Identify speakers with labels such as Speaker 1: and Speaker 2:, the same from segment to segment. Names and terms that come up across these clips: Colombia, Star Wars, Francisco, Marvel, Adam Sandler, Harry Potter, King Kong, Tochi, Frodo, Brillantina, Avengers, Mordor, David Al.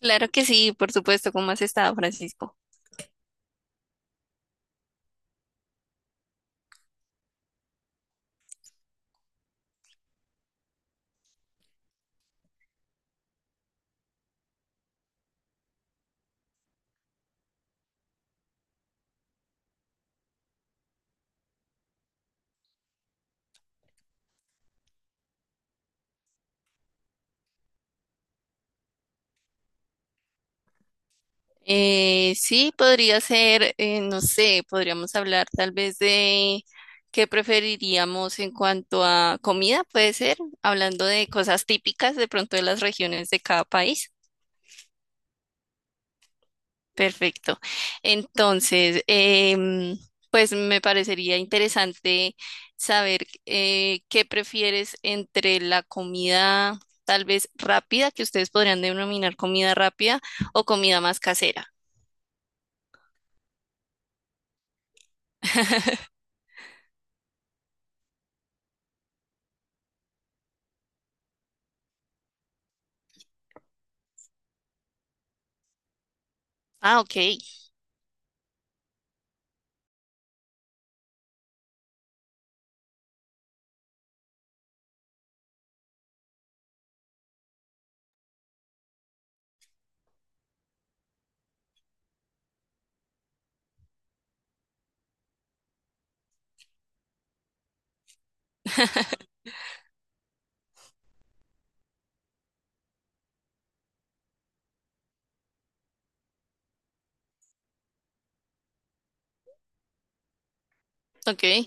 Speaker 1: Claro que sí, por supuesto, ¿cómo has estado, Francisco? Sí, podría ser, no sé, podríamos hablar tal vez de qué preferiríamos en cuanto a comida, puede ser, hablando de cosas típicas de pronto de las regiones de cada país. Perfecto. Entonces, pues me parecería interesante saber qué prefieres entre la comida tal vez rápida, que ustedes podrían denominar comida rápida, o comida más casera. Ah, ok, ok.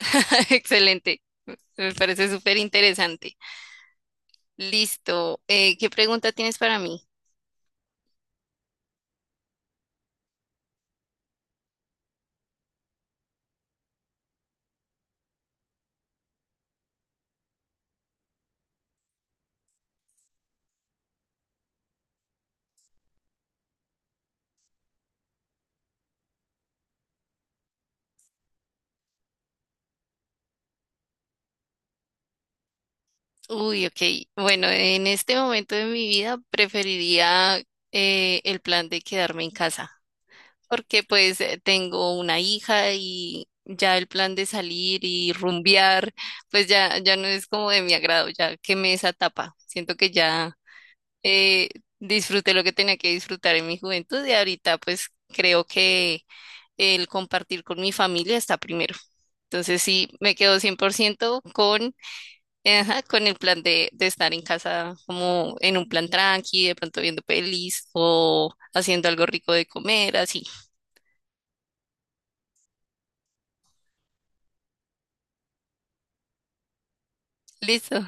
Speaker 1: Excelente. Me parece súper interesante. Listo. ¿Qué pregunta tienes para mí? Uy, ok. Bueno, en este momento de mi vida preferiría el plan de quedarme en casa, porque pues tengo una hija y ya el plan de salir y rumbear, pues ya no es como de mi agrado, ya quemé esa etapa. Siento que ya eh, disfruté lo que tenía que disfrutar en mi juventud y ahorita pues creo que el compartir con mi familia está primero. Entonces sí, me quedo 100% con, ajá, con el plan de estar en casa como en un plan tranqui, de pronto viendo pelis o haciendo algo rico de comer, así. Listo.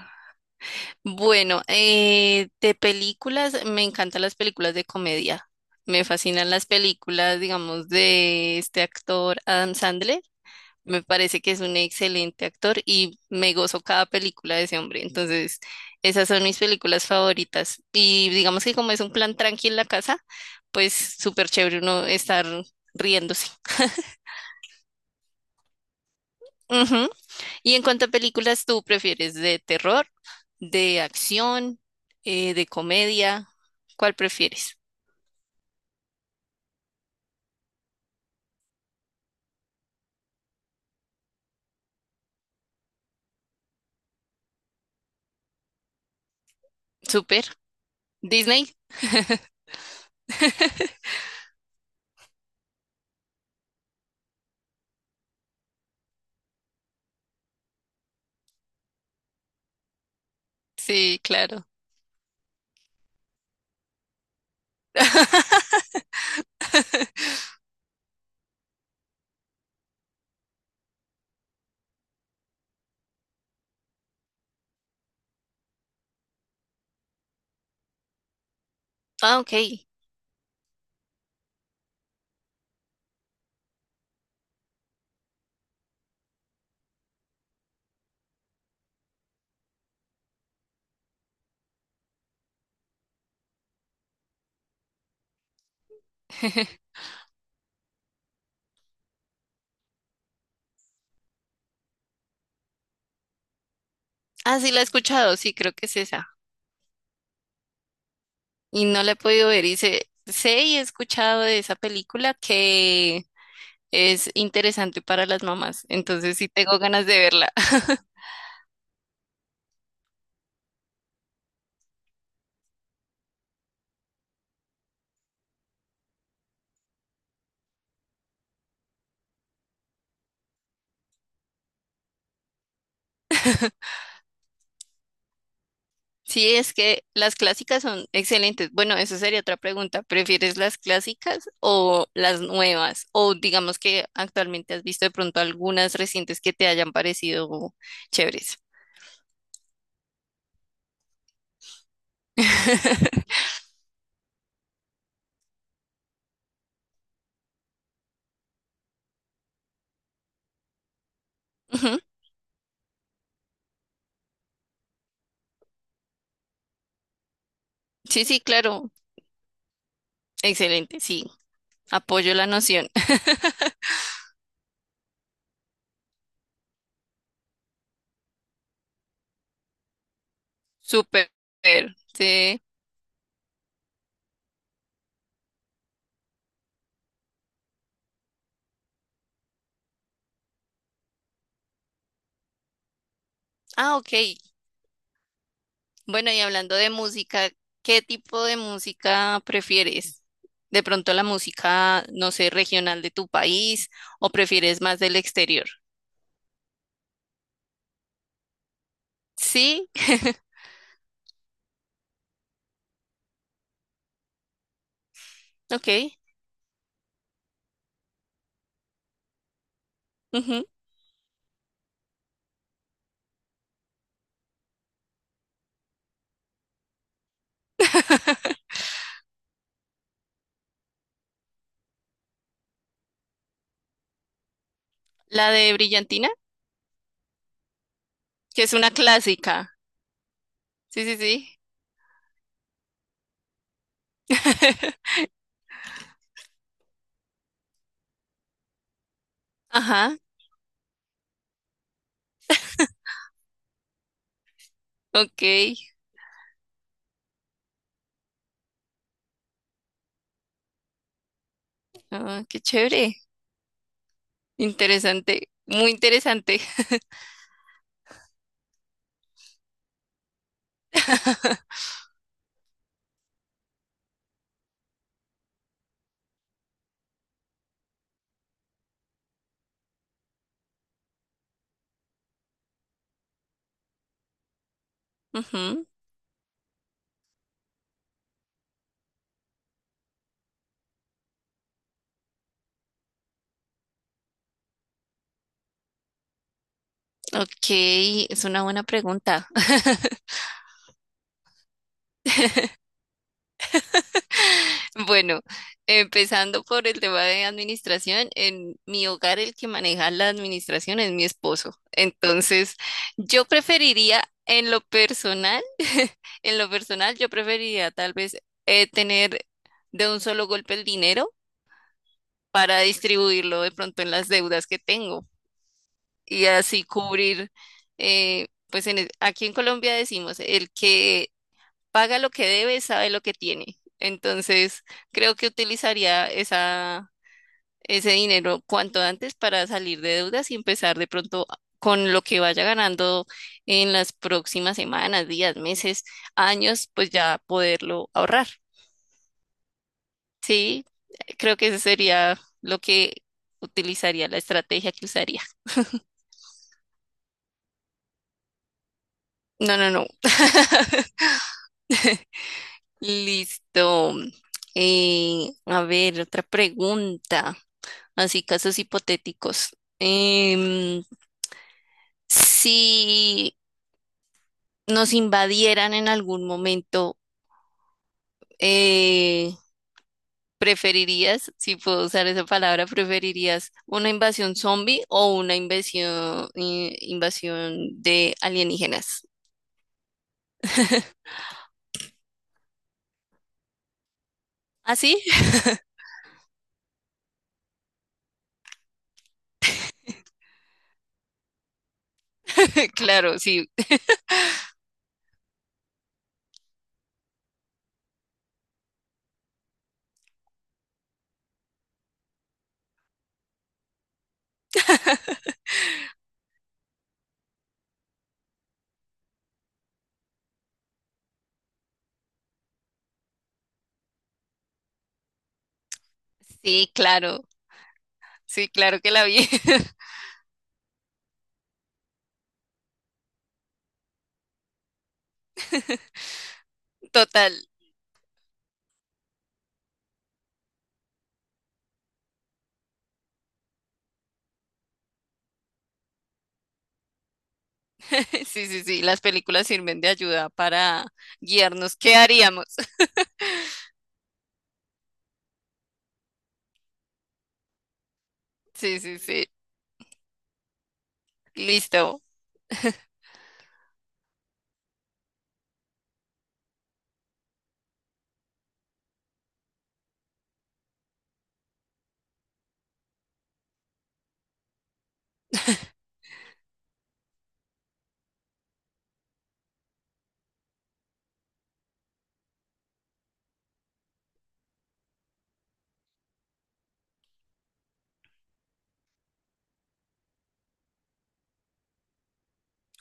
Speaker 1: Bueno, de películas, me encantan las películas de comedia. Me fascinan las películas, digamos, de este actor Adam Sandler. Me parece que es un excelente actor y me gozo cada película de ese hombre. Entonces, esas son mis películas favoritas. Y digamos que como es un plan tranqui en la casa, pues súper chévere uno estar riéndose. Y en cuanto a películas, ¿tú prefieres de terror, de acción, de comedia? ¿Cuál prefieres? ¿Super? ¿Disney? Sí, claro. Ah, ok. Ah, sí, la he escuchado, sí, creo que es esa. Y no la he podido ver. Y sé y he escuchado de esa película que es interesante para las mamás. Entonces sí tengo ganas de verla. Sí, es que las clásicas son excelentes. Bueno, eso sería otra pregunta. ¿Prefieres las clásicas o las nuevas? O digamos que actualmente has visto de pronto algunas recientes que te hayan parecido chéveres. Ujú. Sí, sí, claro. Excelente, sí. Apoyo la noción. Súper. Sí. Ah, ok. Bueno, y hablando de música, ¿qué tipo de música prefieres? ¿De pronto la música, no sé, regional de tu país o prefieres más del exterior? Sí, ok. Ujú. La de Brillantina, que es una clásica. Sí, sí, sí. Ajá, ok. Ah, qué chévere. Interesante, muy interesante. Ujú, ok, es una buena pregunta. Bueno, empezando por el tema de administración, en mi hogar el que maneja la administración es mi esposo. Entonces, yo preferiría en lo personal, en lo personal, yo preferiría tal vez tener de un solo golpe el dinero para distribuirlo de pronto en las deudas que tengo y así cubrir, pues en aquí en Colombia decimos, el que paga lo que debe, sabe lo que tiene. Entonces, creo que utilizaría ese dinero cuanto antes para salir de deudas y empezar de pronto con lo que vaya ganando en las próximas semanas, días, meses, años, pues ya poderlo ahorrar. Sí, creo que ese sería lo que utilizaría, la estrategia que usaría. No, no, no. Listo. A ver, otra pregunta, así casos hipotéticos. Em, si nos invadieran en algún momento, eh, ¿preferirías, si puedo usar esa palabra, preferirías una invasión zombie o una invasión de alienígenas? ¿Ah, sí? Claro, sí. Sí, claro. Sí, claro que la vi. Total. Sí, sí, sí. Las películas sirven de ayuda para guiarnos. ¿Qué haríamos? Sí, sí, sí. Listo.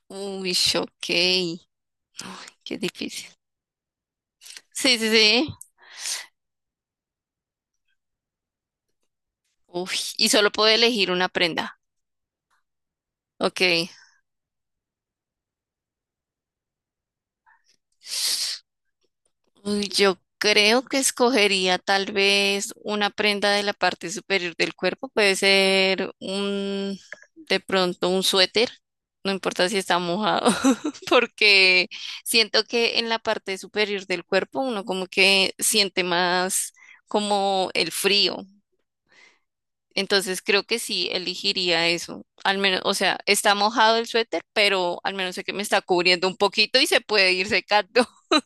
Speaker 1: Uy, ok, qué difícil. Sí, sí, sí. Uy, y solo puedo elegir una prenda. Ok. Uy, yo creo que escogería tal vez una prenda de la parte superior del cuerpo. Puede ser de pronto un suéter. No importa si está mojado, porque siento que en la parte superior del cuerpo uno como que siente más como el frío. Entonces creo que sí elegiría eso. Al menos, o sea, está mojado el suéter, pero al menos sé que me está cubriendo un poquito y se puede ir secando.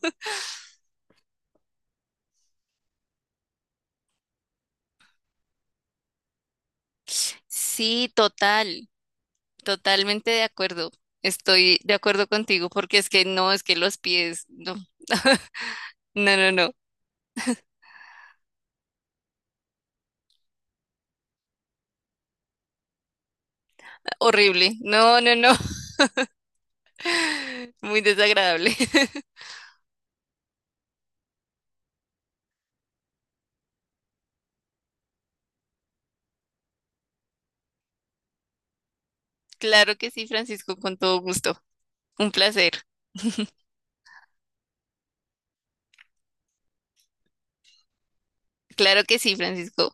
Speaker 1: Sí, total, totalmente de acuerdo. Estoy de acuerdo contigo porque es que no, es que los pies, no, no, horrible. No, no, no, muy desagradable. Claro que sí, Francisco, con todo gusto. Un placer. Claro que sí, Francisco.